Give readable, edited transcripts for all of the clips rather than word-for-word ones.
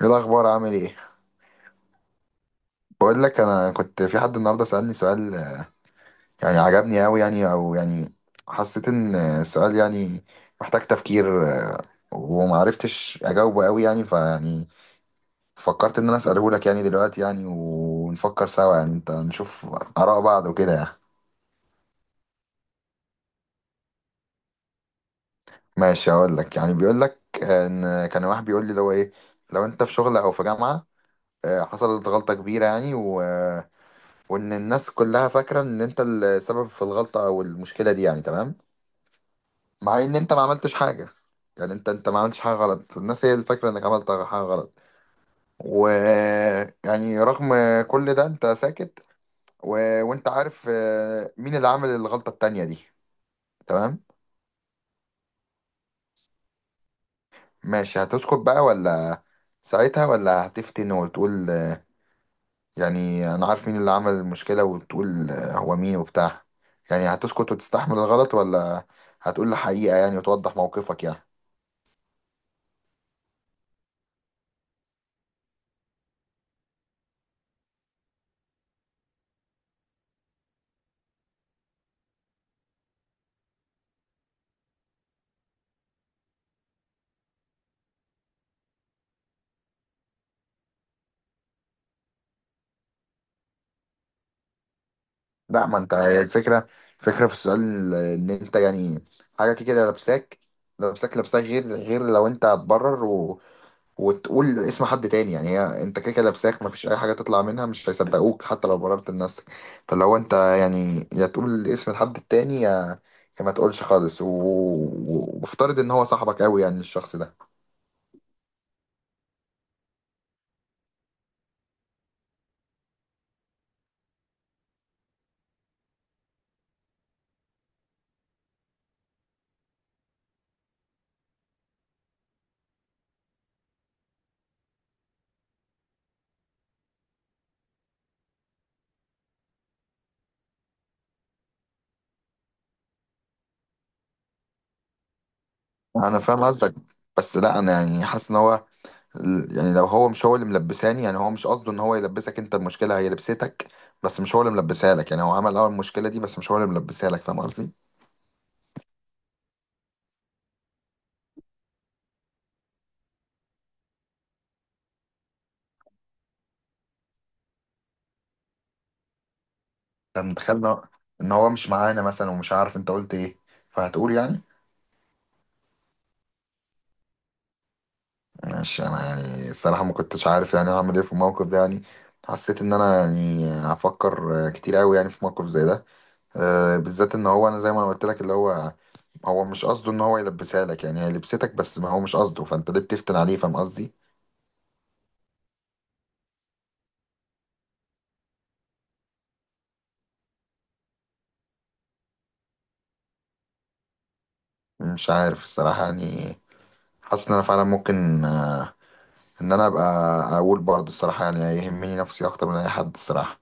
ايه الاخبار؟ عامل ايه؟ بقول لك، انا كنت في حد النهارده سالني سؤال، يعني عجبني قوي، يعني او يعني حسيت ان السؤال يعني محتاج تفكير. آه، وما عرفتش اجاوبه قوي يعني، فيعني فكرت ان انا اساله لك يعني دلوقتي، يعني ونفكر سوا، يعني انت نشوف اراء بعض وكده يعني. ماشي، هقول لك. يعني بيقول لك ان كان واحد بيقول لي اللي هو ايه: لو انت في شغل او في جامعه، حصلت غلطه كبيره يعني، وان الناس كلها فاكره ان انت السبب في الغلطه او المشكله دي يعني، تمام؟ مع ان انت ما عملتش حاجه، يعني انت ما عملتش حاجه غلط، الناس هي اللي فاكره انك عملت حاجه غلط، و يعني رغم كل ده انت ساكت، و... وانت عارف مين اللي عمل الغلطه التانية دي، تمام. ماشي، هتسكت بقى ولا ساعتها، ولا هتفتن وتقول يعني انا عارف مين اللي عمل المشكلة وتقول هو مين وبتاع؟ يعني هتسكت وتستحمل الغلط، ولا هتقول الحقيقة يعني وتوضح موقفك يعني؟ لا، ما انت هي الفكرة. الفكرة في السؤال ان انت يعني حاجة كده لابساك لابساك لابساك، غير لو انت هتبرر وتقول اسم حد تاني، يعني هي انت كده كده لابساك، مفيش اي حاجه تطلع منها، مش هيصدقوك حتى لو بررت لنفسك. فلو انت يعني، يا تقول اسم الحد التاني، يا ما تقولش خالص، وافترض ان هو صاحبك قوي يعني، الشخص ده. انا فاهم قصدك، بس لا، انا يعني حاسس ان هو، يعني لو هو مش هو اللي ملبساني، يعني هو مش قصده ان هو يلبسك انت، المشكله هي لبستك، بس مش هو اللي ملبسها لك. يعني هو عمل اول المشكله دي، بس مش هو اللي ملبسها لك. فاهم قصدي؟ انت متخيل ان هو مش معانا مثلا ومش عارف انت قلت ايه، فهتقول يعني؟ ماشي، انا يعني الصراحه ما كنتش عارف يعني هعمل ايه في الموقف ده يعني. حسيت ان انا يعني هفكر كتير قوي يعني في موقف زي ده. بالذات ان هو انا، زي ما قلت لك، اللي هو مش قصده ان هو يلبسها لك يعني، هي لبستك بس ما هو مش قصده، فانت ليه بتفتن عليه؟ فاهم قصدي؟ مش عارف الصراحه يعني. حاسس ان انا فعلا ممكن، ان انا ابقى اقول برضه الصراحه يعني، يهمني نفسي اكتر من اي حد، الصراحه.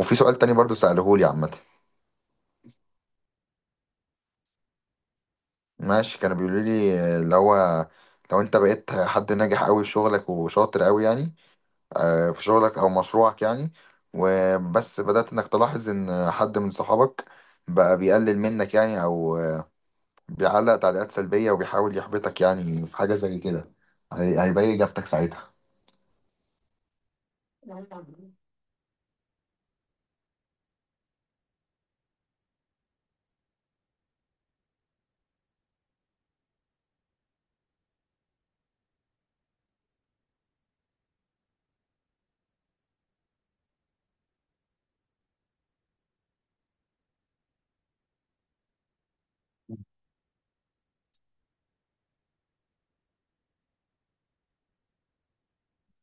وفي سؤال تاني برضه سألهولي عامه. ماشي، كانوا بيقولوا لي اللي هو: لو انت بقيت حد ناجح قوي في شغلك وشاطر قوي يعني، في شغلك او مشروعك يعني، وبس بدأت انك تلاحظ ان حد من صحابك بقى بيقلل منك يعني، او بيعلق تعليقات سلبية وبيحاول يحبطك يعني، في حاجة زي كده، هيبين اجابتك ساعتها؟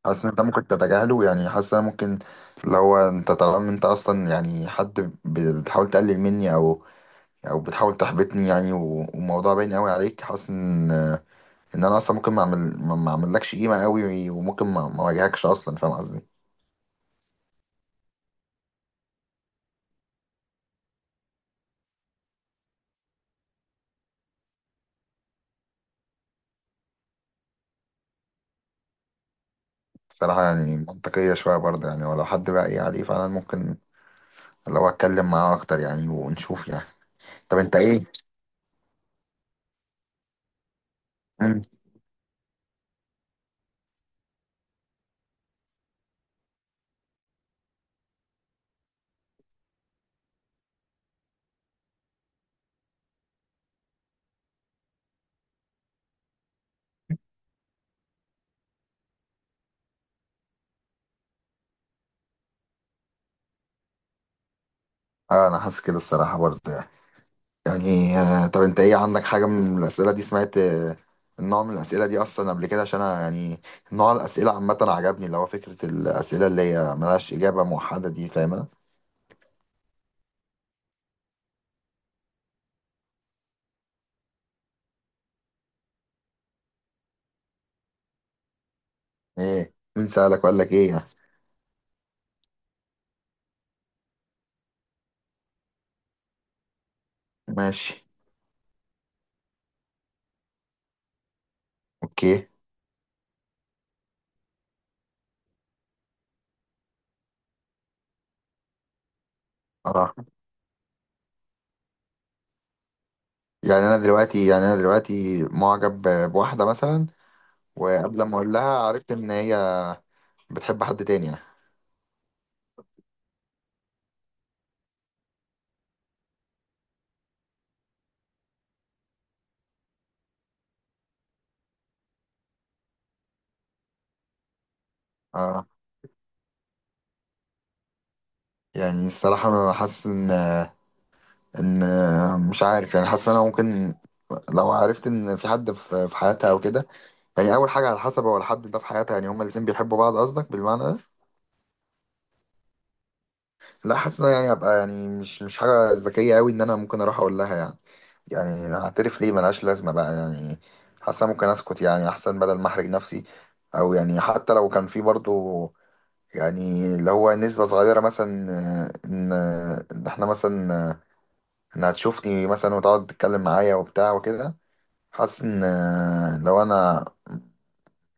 حاسس ان انت ممكن تتجاهله يعني. حاسس ان أنا ممكن، لو انت طالما انت اصلا يعني حد بتحاول تقلل مني او، بتحاول تحبطني يعني، والموضوع باين قوي عليك، حاسس ان انا اصلا ممكن ما اعملكش قيمه قوي، وممكن ما اواجهكش اصلا. فاهم قصدي؟ الصراحه يعني منطقيه شويه برضه يعني، ولو حد بقى ايه عليه فعلا، ممكن لو اتكلم معاه اكتر يعني ونشوف يعني. طب انت ايه؟ مم. اه، انا حاسس كده الصراحه برضه يعني. يعني، طب انت ايه، عندك حاجه من الاسئله دي؟ سمعت النوع من الاسئله دي اصلا قبل كده؟ عشان أنا يعني نوع الاسئله عامه عجبني، اللي هو فكره الاسئله اللي هي ملهاش اجابه موحده دي، فاهم؟ ايه، مين سألك وقال لك ايه يعني؟ ماشي، اوكي. راح. يعني انا دلوقتي معجب بواحدة مثلا، وقبل ما اقول لها عرفت ان هي بتحب حد تاني يعني. اه. يعني الصراحة انا حاسس ان، ان مش عارف يعني، حاسس ان انا ممكن، لو عرفت ان في حد في حياتها او كده. يعني اول حاجة، على حسب، هو الحد ده في حياتها يعني، هما الاتنين بيحبوا بعض قصدك بالمعنى ده؟ لا، حاسس إن أنا يعني هبقى، يعني مش حاجة ذكية قوي ان انا ممكن اروح اقول لها يعني، هعترف ليه ملهاش لازمة بقى يعني. حاسة ممكن أسكت يعني، أحسن بدل ما أحرج نفسي. أو يعني حتى لو كان في برضو يعني، اللي هو نسبة صغيرة مثلا، إن إحنا مثلا، إنها تشوفني مثلا وتقعد تتكلم معايا وبتاع وكده، حاسس إن، لو أنا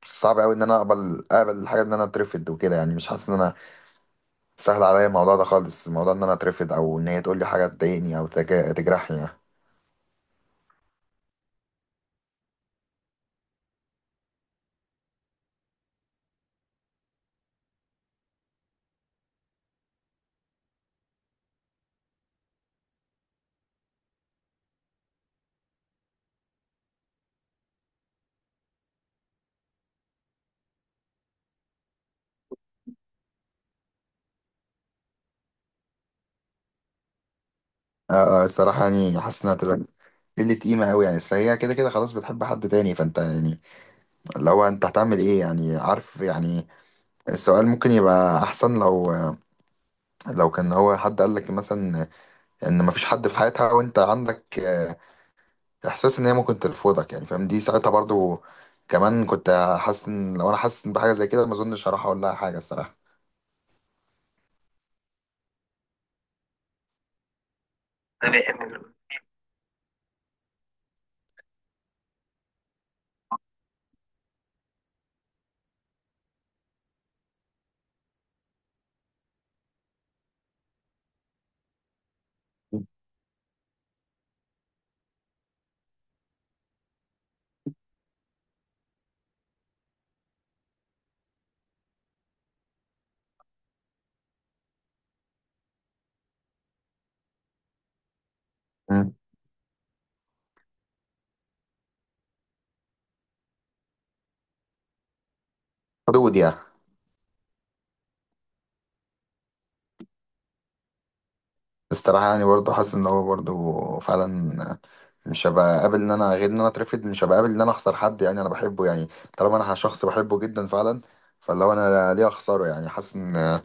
صعب أوي إن أنا أقبل الحاجة إن أنا أترفض وكده يعني. مش حاسس إن أنا سهل عليا الموضوع ده خالص، الموضوع إن أنا أترفض، أو إن هي تقول لي حاجة تضايقني أو تجرحني يعني. اه اه، الصراحة يعني حاسس انها تبقى قلة قيمة أوي يعني. أصل هي كده كده خلاص بتحب حد تاني، فأنت يعني لو أنت هتعمل إيه يعني، عارف يعني. السؤال ممكن يبقى أحسن لو كان هو حد قال لك مثلا إن مفيش حد في حياتها وأنت عندك إحساس إن هي ممكن ترفضك يعني، فاهم؟ دي ساعتها برضو كمان كنت حاسس إن لو أنا حاسس بحاجة زي كده، ما أظنش هروح أقول لها حاجة الصراحة. مم. حدود يعني. الصراحة يعني برضه حاسس ان هو برضه فعلا مش هبقى قابل ان انا غير ان انا اترفض، مش هبقى قابل ان انا اخسر حد يعني انا بحبه يعني. طالما انا شخص بحبه جدا فعلا، فاللي هو انا ليه اخسره يعني؟ حاسس ان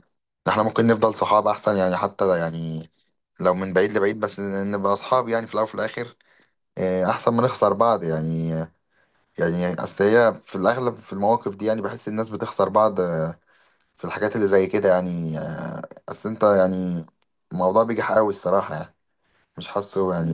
احنا ممكن نفضل صحاب احسن يعني، حتى يعني لو من بعيد لبعيد بس نبقى اصحاب يعني. في الاول وفي الاخر، احسن ما نخسر بعض يعني. يعني اصل هي في الاغلب في المواقف دي يعني، بحس الناس بتخسر بعض في الحاجات اللي زي كده يعني، اصل انت يعني الموضوع بيجي حقاوي الصراحة يعني، مش حاسه يعني.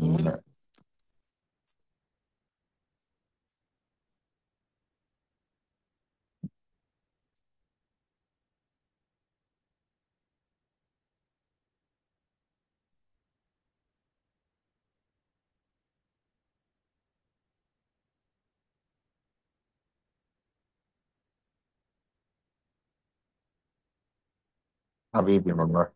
حبيبي والله.